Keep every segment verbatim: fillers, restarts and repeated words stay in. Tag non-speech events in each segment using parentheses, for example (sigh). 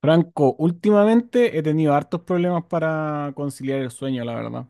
Franco, últimamente he tenido hartos problemas para conciliar el sueño, la verdad.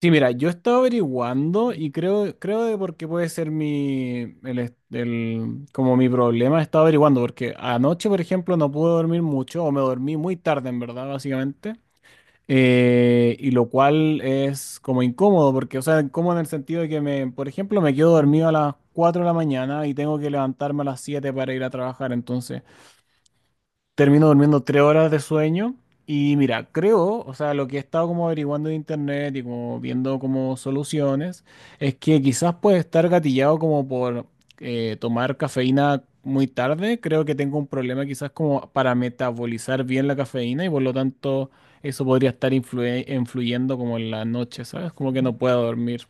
Sí, mira, yo he estado averiguando y creo, creo de por qué puede ser mi, el, est- el- como mi problema. He estado averiguando, porque anoche, por ejemplo, no pude dormir mucho o me dormí muy tarde, en verdad, básicamente. Eh, y lo cual es como incómodo, porque, o sea, incómodo en el sentido de que, me, por ejemplo, me quedo dormido a las cuatro de la mañana y tengo que levantarme a las siete para ir a trabajar, entonces... Termino durmiendo tres horas de sueño y mira, creo, o sea, lo que he estado como averiguando en internet y como viendo como soluciones, es que quizás puede estar gatillado como por eh, tomar cafeína muy tarde. Creo que tengo un problema quizás como para metabolizar bien la cafeína y por lo tanto eso podría estar influe- influyendo como en la noche, ¿sabes? Como que no puedo dormir.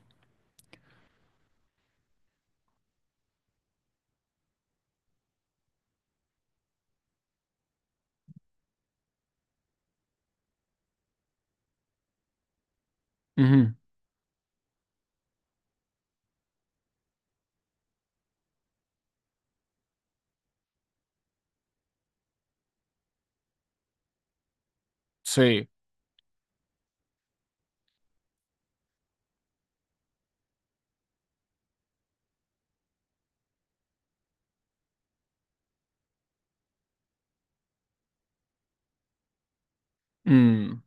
Ujú. Sí. Mm.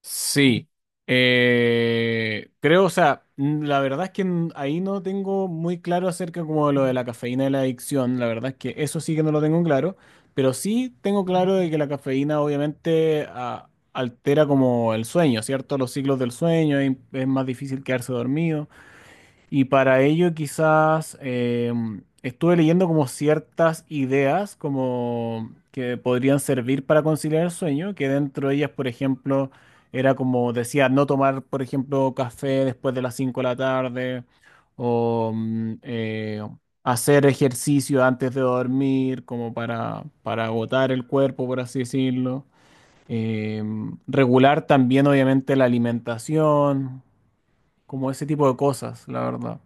Sí, eh, creo, o sea, mm, la verdad es que n- ahí no tengo muy claro acerca como de lo de la cafeína y la adicción, la verdad es que eso sí que no lo tengo claro, pero sí tengo claro de que la cafeína obviamente a- altera como el sueño, ¿cierto? Los ciclos del sueño, y es más difícil quedarse dormido. Y para ello quizás em, estuve leyendo como ciertas ideas como que podrían servir para conciliar el sueño, que dentro de ellas, por ejemplo, era como decía, no tomar, por ejemplo, café después de las cinco de la tarde o mm, eh, hacer ejercicio antes de dormir como para, para agotar el cuerpo, por así decirlo. Em, regular también, obviamente, la alimentación, como ese tipo de cosas, la verdad.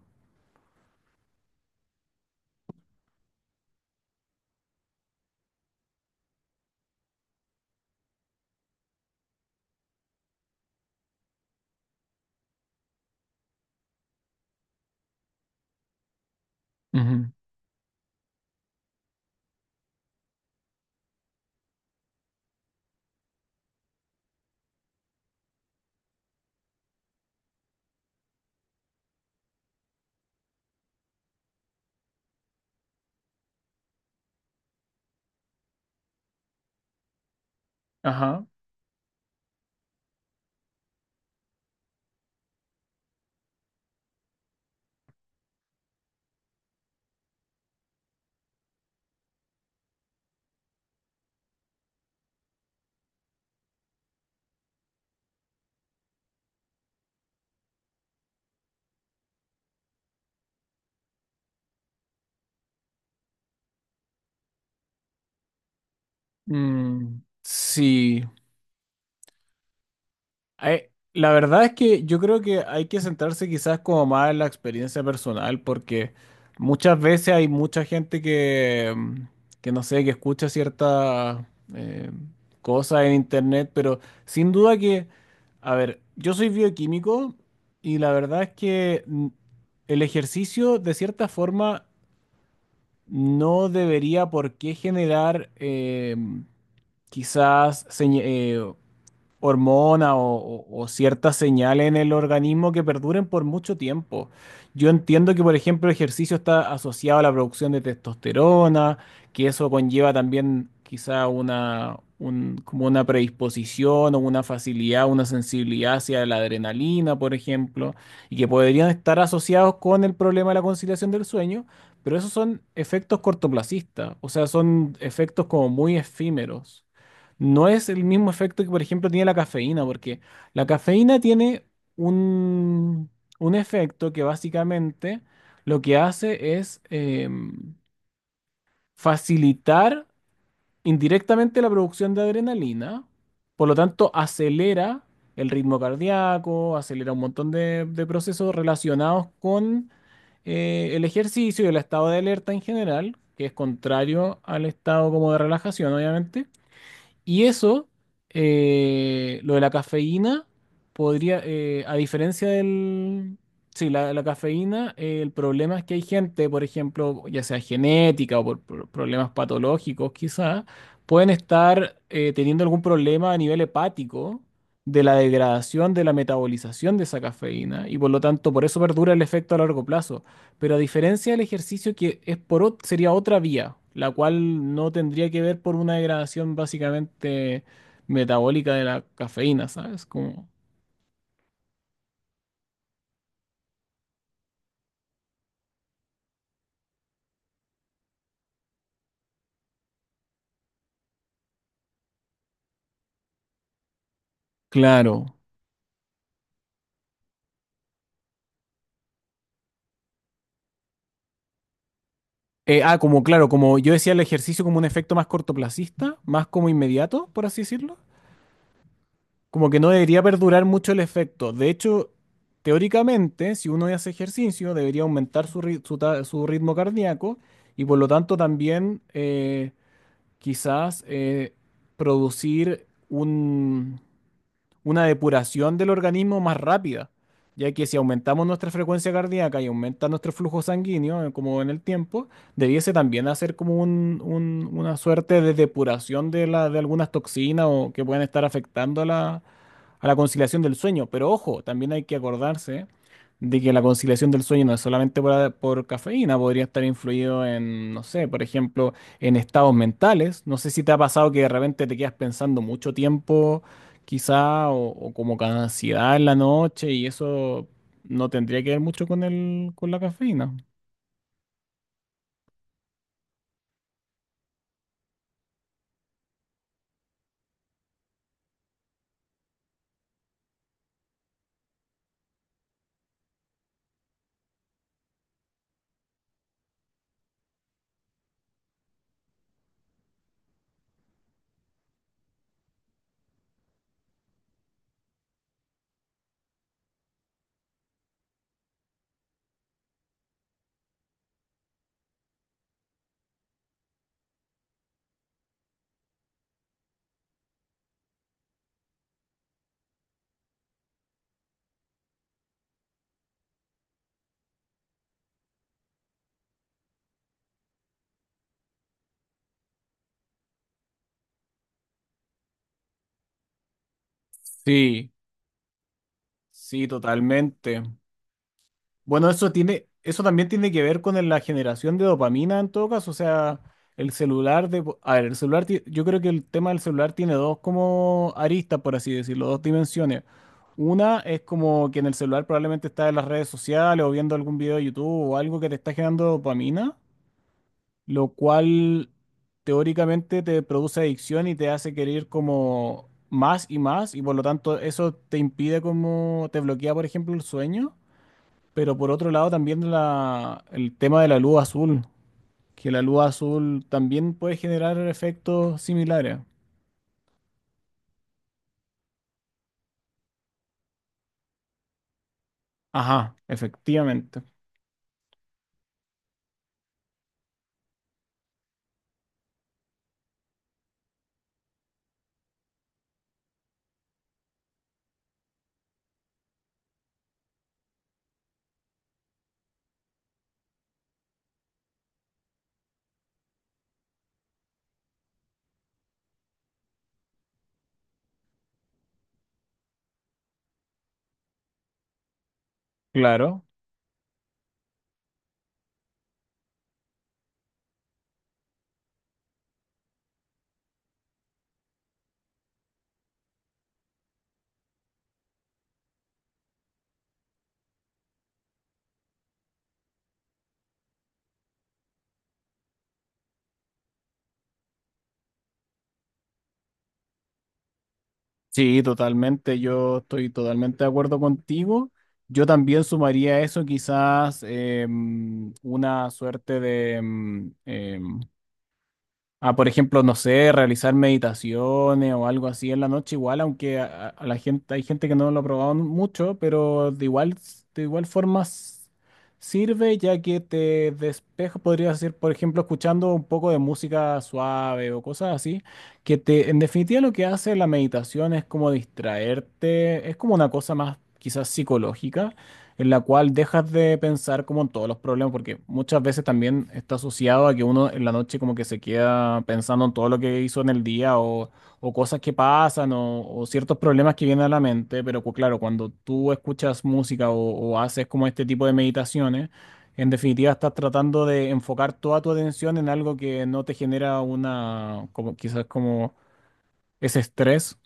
Ujú. Ajá. Mm, sí. Ay, la verdad es que yo creo que hay que centrarse quizás como más en la experiencia personal, porque muchas veces hay mucha gente que, mm, que no sé, que escucha ciertas eh, cosas en internet, pero sin duda que, a ver, yo soy bioquímico y la verdad es que mm, el ejercicio de cierta forma no debería por qué generar... em, quizás señ- eh, hormona o, o- o ciertas señales en el organismo que perduren por mucho tiempo. Yo entiendo que, por ejemplo, el ejercicio está asociado a la producción de testosterona, que eso conlleva también quizá una, un- como una predisposición o una facilidad, una sensibilidad hacia la adrenalina, por ejemplo, y que podrían estar asociados con el problema de la conciliación del sueño. Pero esos son efectos cortoplacistas, o sea, son efectos como muy efímeros. No es el mismo efecto que, por ejemplo, tiene la cafeína, porque la cafeína tiene un, un efecto que básicamente lo que hace es em, facilitar indirectamente la producción de adrenalina, por lo tanto acelera el ritmo cardíaco, acelera un montón de, de procesos relacionados con eh, el ejercicio y el estado de alerta en general, que es contrario al estado como de relajación, obviamente. Y eso, eh, lo de la cafeína, podría, eh, a diferencia del... Sí, la, la cafeína, eh, el problema es que hay gente, por ejemplo, ya sea genética o por, por problemas patológicos quizás, pueden estar eh, teniendo algún problema a nivel hepático de la degradación, de la metabolización de esa cafeína y por lo tanto por eso perdura el efecto a largo plazo. Pero a diferencia del ejercicio que es por ot- sería otra vía, la cual no tendría que ver por una degradación básicamente metabólica de la cafeína, ¿sabes? Como, claro. Eh, ah, como claro, como yo decía el ejercicio como un efecto más cortoplacista, más como inmediato, por así decirlo. Como que no debería perdurar mucho el efecto. De hecho, teóricamente, si uno hace ejercicio, debería aumentar su, ri- su ta- su ritmo cardíaco y por lo tanto también... eh, quizás eh, producir un, una depuración del organismo más rápida, ya que si aumentamos nuestra frecuencia cardíaca y aumenta nuestro flujo sanguíneo, eh, como en el tiempo, debiese también hacer como un- un- una suerte de depuración de, la- de algunas toxinas o que pueden estar afectando a la, a la conciliación del sueño. Pero ojo, también hay que acordarse de que la conciliación del sueño no es solamente por, por cafeína, podría estar influido en, no sé, por ejemplo, en estados mentales. No sé si te ha pasado que de repente te quedas pensando mucho tiempo quizá, o, o como con ansiedad en la noche, y eso no tendría que ver mucho con el, con la cafeína. Sí, sí, totalmente. Bueno, eso tiene, eso también tiene que ver con el- la generación de dopamina en todo caso, o sea, el celular de, a ver, el celular, ti- yo creo que el tema del celular tiene dos como aristas, por así decirlo, dos dimensiones. Una es como que en el celular probablemente estás en las redes sociales o viendo algún video de YouTube o algo que te está generando dopamina, lo cual teóricamente te produce adicción y te hace querer como más y más, y por lo tanto eso te impide como, te bloquea, por ejemplo, el sueño, pero por otro lado también la, el tema de la luz azul, que la luz azul también puede generar efectos similares. Ajá, efectivamente. Claro. Sí, totalmente. Yo estoy totalmente de acuerdo contigo. Yo también sumaría a eso quizás em, una suerte de, em, em, a, por ejemplo, no sé, realizar meditaciones o algo así en la noche, igual, aunque a, a la gente, hay gente que no lo ha probado mucho, pero de igual, de igual forma s- sirve ya que te despeja, podrías hacer, por ejemplo, escuchando un poco de música suave o cosas así, que te, en definitiva lo que hace la meditación es como distraerte, es como una cosa más quizás psicológica en la cual dejas de pensar como en todos los problemas, porque muchas veces también está asociado a que uno en la noche como que se queda pensando en todo lo que hizo en el día o, o cosas que pasan o, o ciertos problemas que vienen a la mente, pero cu- claro, cuando tú escuchas música o, o haces como este tipo de meditaciones, en definitiva estás tratando de enfocar toda tu atención en algo que no te genera una, como, quizás como ese estrés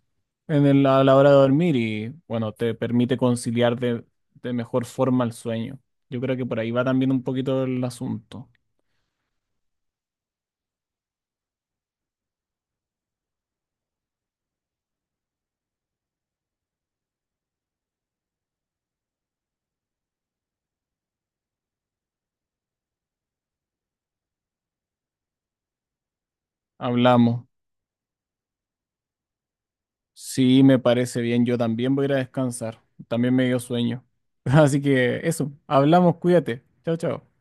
en el- a la hora de dormir y bueno, te permite conciliar de, de mejor forma el sueño. Yo creo que por ahí va también un poquito el asunto. Hablamos. Sí, me parece bien. Yo también voy a ir a descansar. También me dio sueño. (laughs) Así que eso, hablamos, cuídate. Chao, chao.